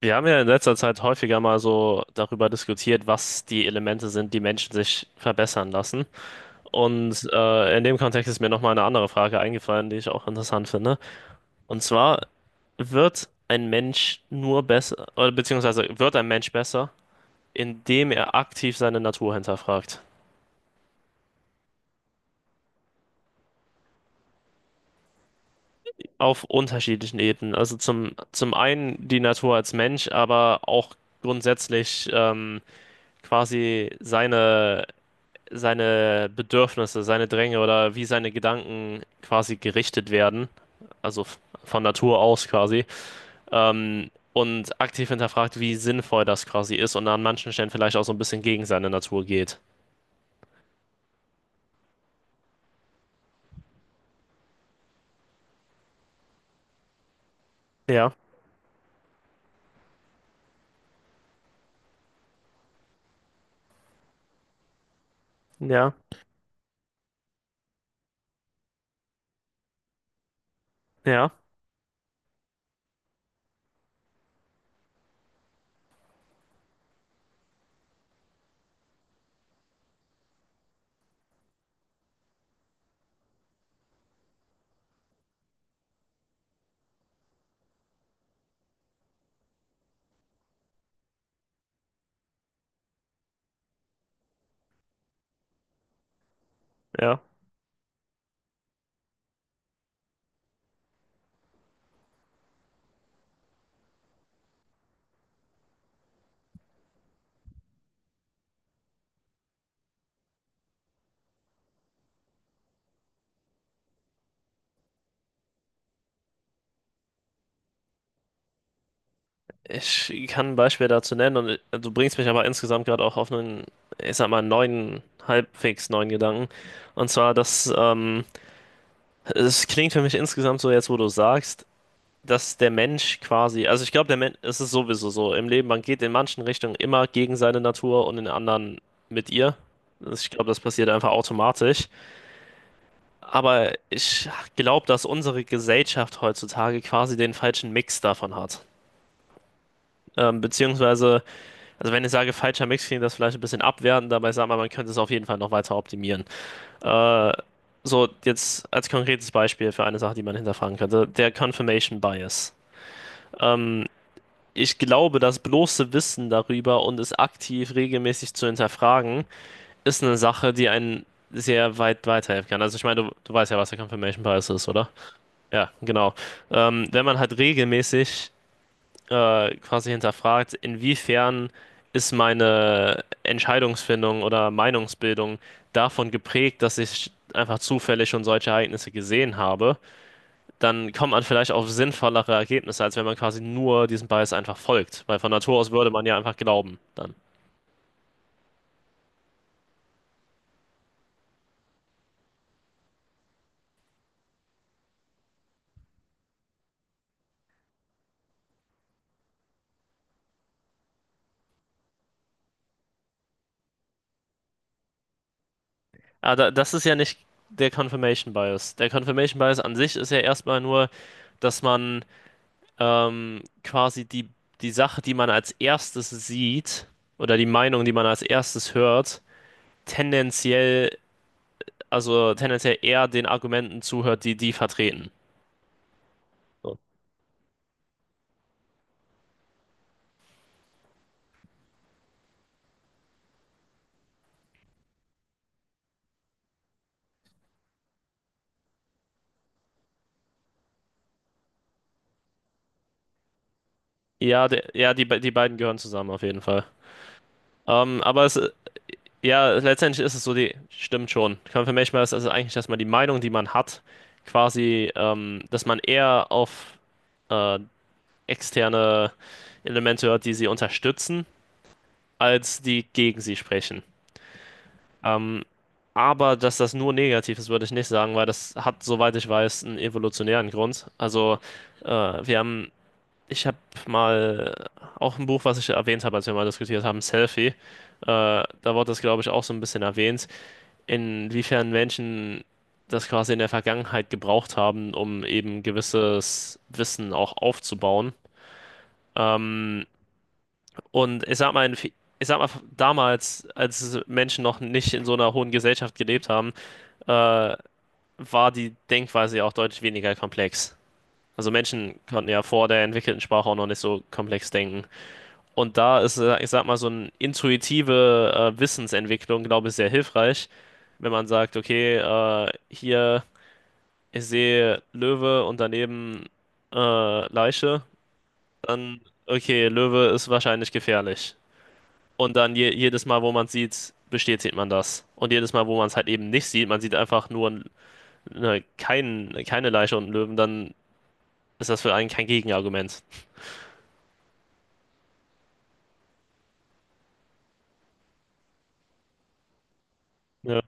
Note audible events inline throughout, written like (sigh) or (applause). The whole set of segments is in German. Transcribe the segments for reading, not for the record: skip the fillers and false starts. Wir haben ja in letzter Zeit häufiger mal so darüber diskutiert, was die Elemente sind, die Menschen sich verbessern lassen. Und in dem Kontext ist mir nochmal eine andere Frage eingefallen, die ich auch interessant finde. Und zwar, wird ein Mensch nur besser, oder beziehungsweise wird ein Mensch besser, indem er aktiv seine Natur hinterfragt? Auf unterschiedlichen Ebenen. Also zum einen die Natur als Mensch, aber auch grundsätzlich quasi seine Bedürfnisse, seine Dränge oder wie seine Gedanken quasi gerichtet werden, also von Natur aus quasi, und aktiv hinterfragt, wie sinnvoll das quasi ist und an manchen Stellen vielleicht auch so ein bisschen gegen seine Natur geht. Ja, ja, ja, ja. Ich kann ein Beispiel dazu nennen und du bringst mich aber insgesamt gerade auch auf einen, ich sag mal, neuen, halbwegs neuen Gedanken. Und zwar, dass es klingt für mich insgesamt so jetzt, wo du sagst, dass der Mensch quasi, also ich glaube, der Mensch, es ist sowieso so im Leben, man geht in manchen Richtungen immer gegen seine Natur und in anderen mit ihr. Ich glaube, das passiert einfach automatisch. Aber ich glaube, dass unsere Gesellschaft heutzutage quasi den falschen Mix davon hat. Beziehungsweise, also wenn ich sage falscher Mix, klingt das vielleicht ein bisschen abwertend, dabei sagt man, man könnte es auf jeden Fall noch weiter optimieren. Äh, so, jetzt als konkretes Beispiel für eine Sache, die man hinterfragen könnte, der Confirmation Bias. Hm, Ich glaube, das bloße Wissen darüber und es aktiv regelmäßig zu hinterfragen, ist eine Sache, die einen sehr weit weiterhelfen kann. Also ich meine, du weißt ja, was der Confirmation Bias ist, oder? Ja, genau. Wenn man halt regelmäßig quasi hinterfragt, inwiefern ist meine Entscheidungsfindung oder Meinungsbildung davon geprägt, dass ich einfach zufällig schon solche Ereignisse gesehen habe, dann kommt man vielleicht auf sinnvollere Ergebnisse, als wenn man quasi nur diesem Bias einfach folgt. Weil von Natur aus würde man ja einfach glauben dann. Aber das ist ja nicht der Confirmation Bias. Der Confirmation Bias an sich ist ja erstmal nur, dass man quasi die Sache, die man als erstes sieht oder die Meinung, die man als erstes hört, tendenziell, also tendenziell eher den Argumenten zuhört, die die vertreten. So. Ja, der, ja die, be- die beiden gehören zusammen auf jeden Fall. Ähm, aber es, Ja, letztendlich ist es so, die stimmt schon. Confirmation Bias ist also eigentlich, dass man die Meinung, die man hat, quasi dass man eher auf äh, externe Elemente hört, die sie unterstützen, als die gegen sie sprechen. Ähm, aber dass das nur negativ ist, würde ich nicht sagen, weil das hat, soweit ich weiß, einen evolutionären Grund. Äh, wir haben, ich habe mal auch ein Buch, was ich erwähnt habe, als wir mal diskutiert haben, Selfie. Da wurde das, glaube ich, auch so ein bisschen erwähnt, inwiefern Menschen das quasi in der Vergangenheit gebraucht haben, um eben gewisses Wissen auch aufzubauen. Ähm, und ich sag mal, ich sag mal, damals, als Menschen noch nicht in so einer hohen Gesellschaft gelebt haben, äh, war die Denkweise ja auch deutlich weniger komplex. Also Menschen konnten ja vor der entwickelten Sprache auch noch nicht so komplex denken. Und da ist ich sag mal, so eine intuitive Wissensentwicklung, glaube ich, sehr hilfreich, wenn man sagt, okay, hier ich sehe Löwe und daneben Leiche, dann, okay, Löwe ist wahrscheinlich gefährlich. Und dann jedes Mal, wo man es sieht, bestätigt man das. Und jedes Mal, wo man es halt eben nicht sieht, man sieht einfach nur keine Leiche und einen Löwen, dann ist das für einen kein Gegenargument. Ja,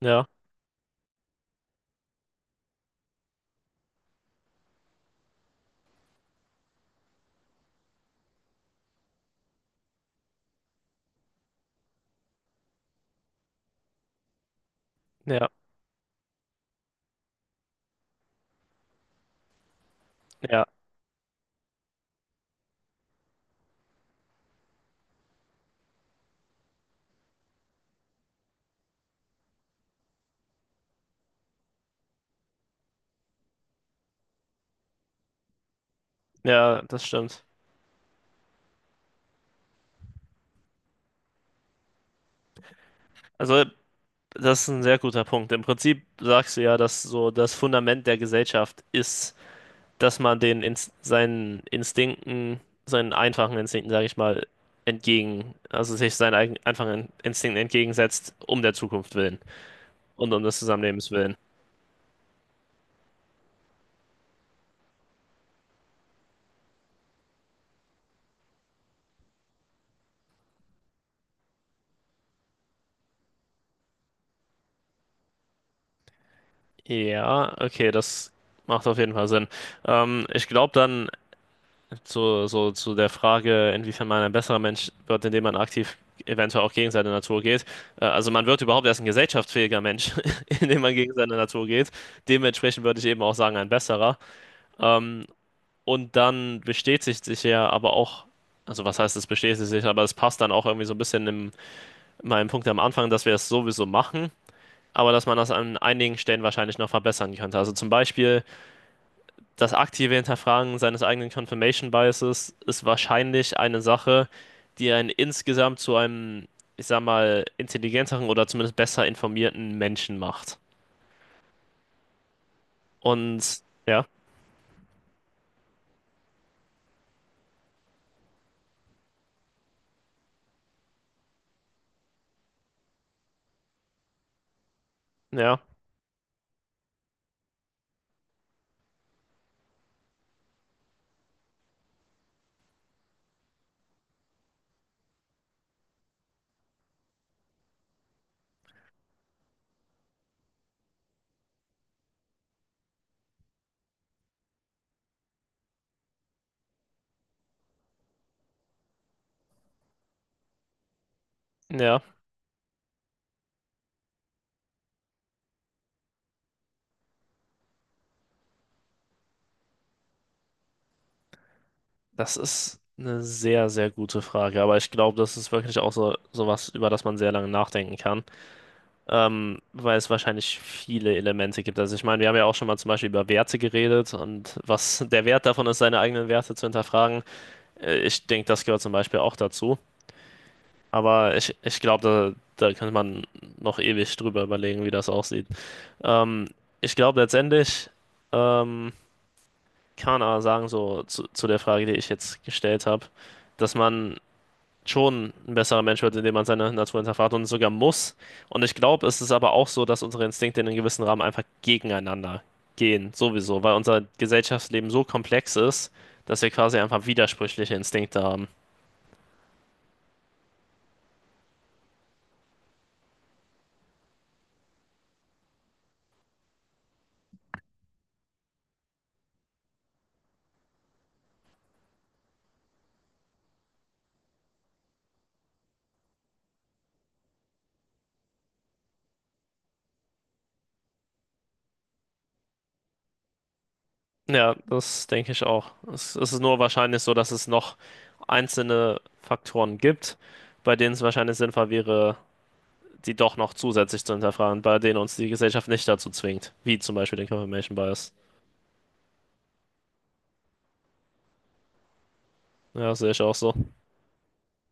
ja, ja, ja, ja, das stimmt. Also, das ist ein sehr guter Punkt. Im Prinzip sagst du ja, dass so das Fundament der Gesellschaft ist, dass man den Inst seinen Instinkten, seinen einfachen Instinkten, sage ich mal, entgegen, also sich seinen eigenen einfachen Instinkten entgegensetzt, um der Zukunft willen und um des Zusammenlebens willen. Ja, okay, das macht auf jeden Fall Sinn. Ich glaube dann so zu der Frage, inwiefern man ein besserer Mensch wird, indem man aktiv eventuell auch gegen seine Natur geht. Also man wird überhaupt erst ein gesellschaftsfähiger Mensch, (laughs) indem man gegen seine Natur geht. Dementsprechend würde ich eben auch sagen, ein besserer. Ähm, Und dann bestätigt sich ja aber auch, also was heißt es bestätigt sich, aber es passt dann auch irgendwie so ein bisschen in meinem Punkt am Anfang, dass wir es sowieso machen, aber dass man das an einigen Stellen wahrscheinlich noch verbessern könnte. Also zum Beispiel das aktive Hinterfragen seines eigenen Confirmation Biases ist wahrscheinlich eine Sache, die einen insgesamt zu einem, ich sag mal, intelligenteren oder zumindest besser informierten Menschen macht. Und ja, ja, ja. Das ist eine sehr, sehr gute Frage, aber ich glaube, das ist wirklich auch so sowas, über das man sehr lange nachdenken kann, weil es wahrscheinlich viele Elemente gibt. Also ich meine, wir haben ja auch schon mal zum Beispiel über Werte geredet und was (laughs) der Wert davon ist, seine eigenen Werte zu hinterfragen. Ich denke, das gehört zum Beispiel auch dazu. Aber ich glaube, da könnte man noch ewig drüber überlegen, wie das aussieht. Ähm, ich glaube letztendlich, ähm, kann man aber sagen, so zu der Frage, die ich jetzt gestellt habe, dass man schon ein besserer Mensch wird, indem man seine Natur hinterfragt und sogar muss. Und ich glaube, es ist aber auch so, dass unsere Instinkte in einem gewissen Rahmen einfach gegeneinander gehen, sowieso, weil unser Gesellschaftsleben so komplex ist, dass wir quasi einfach widersprüchliche Instinkte haben. Ja, das denke ich auch. Es ist nur wahrscheinlich so, dass es noch einzelne Faktoren gibt, bei denen es wahrscheinlich sinnvoll wäre, die doch noch zusätzlich zu hinterfragen, bei denen uns die Gesellschaft nicht dazu zwingt, wie zum Beispiel den Confirmation Bias. Ja, sehe ich auch so.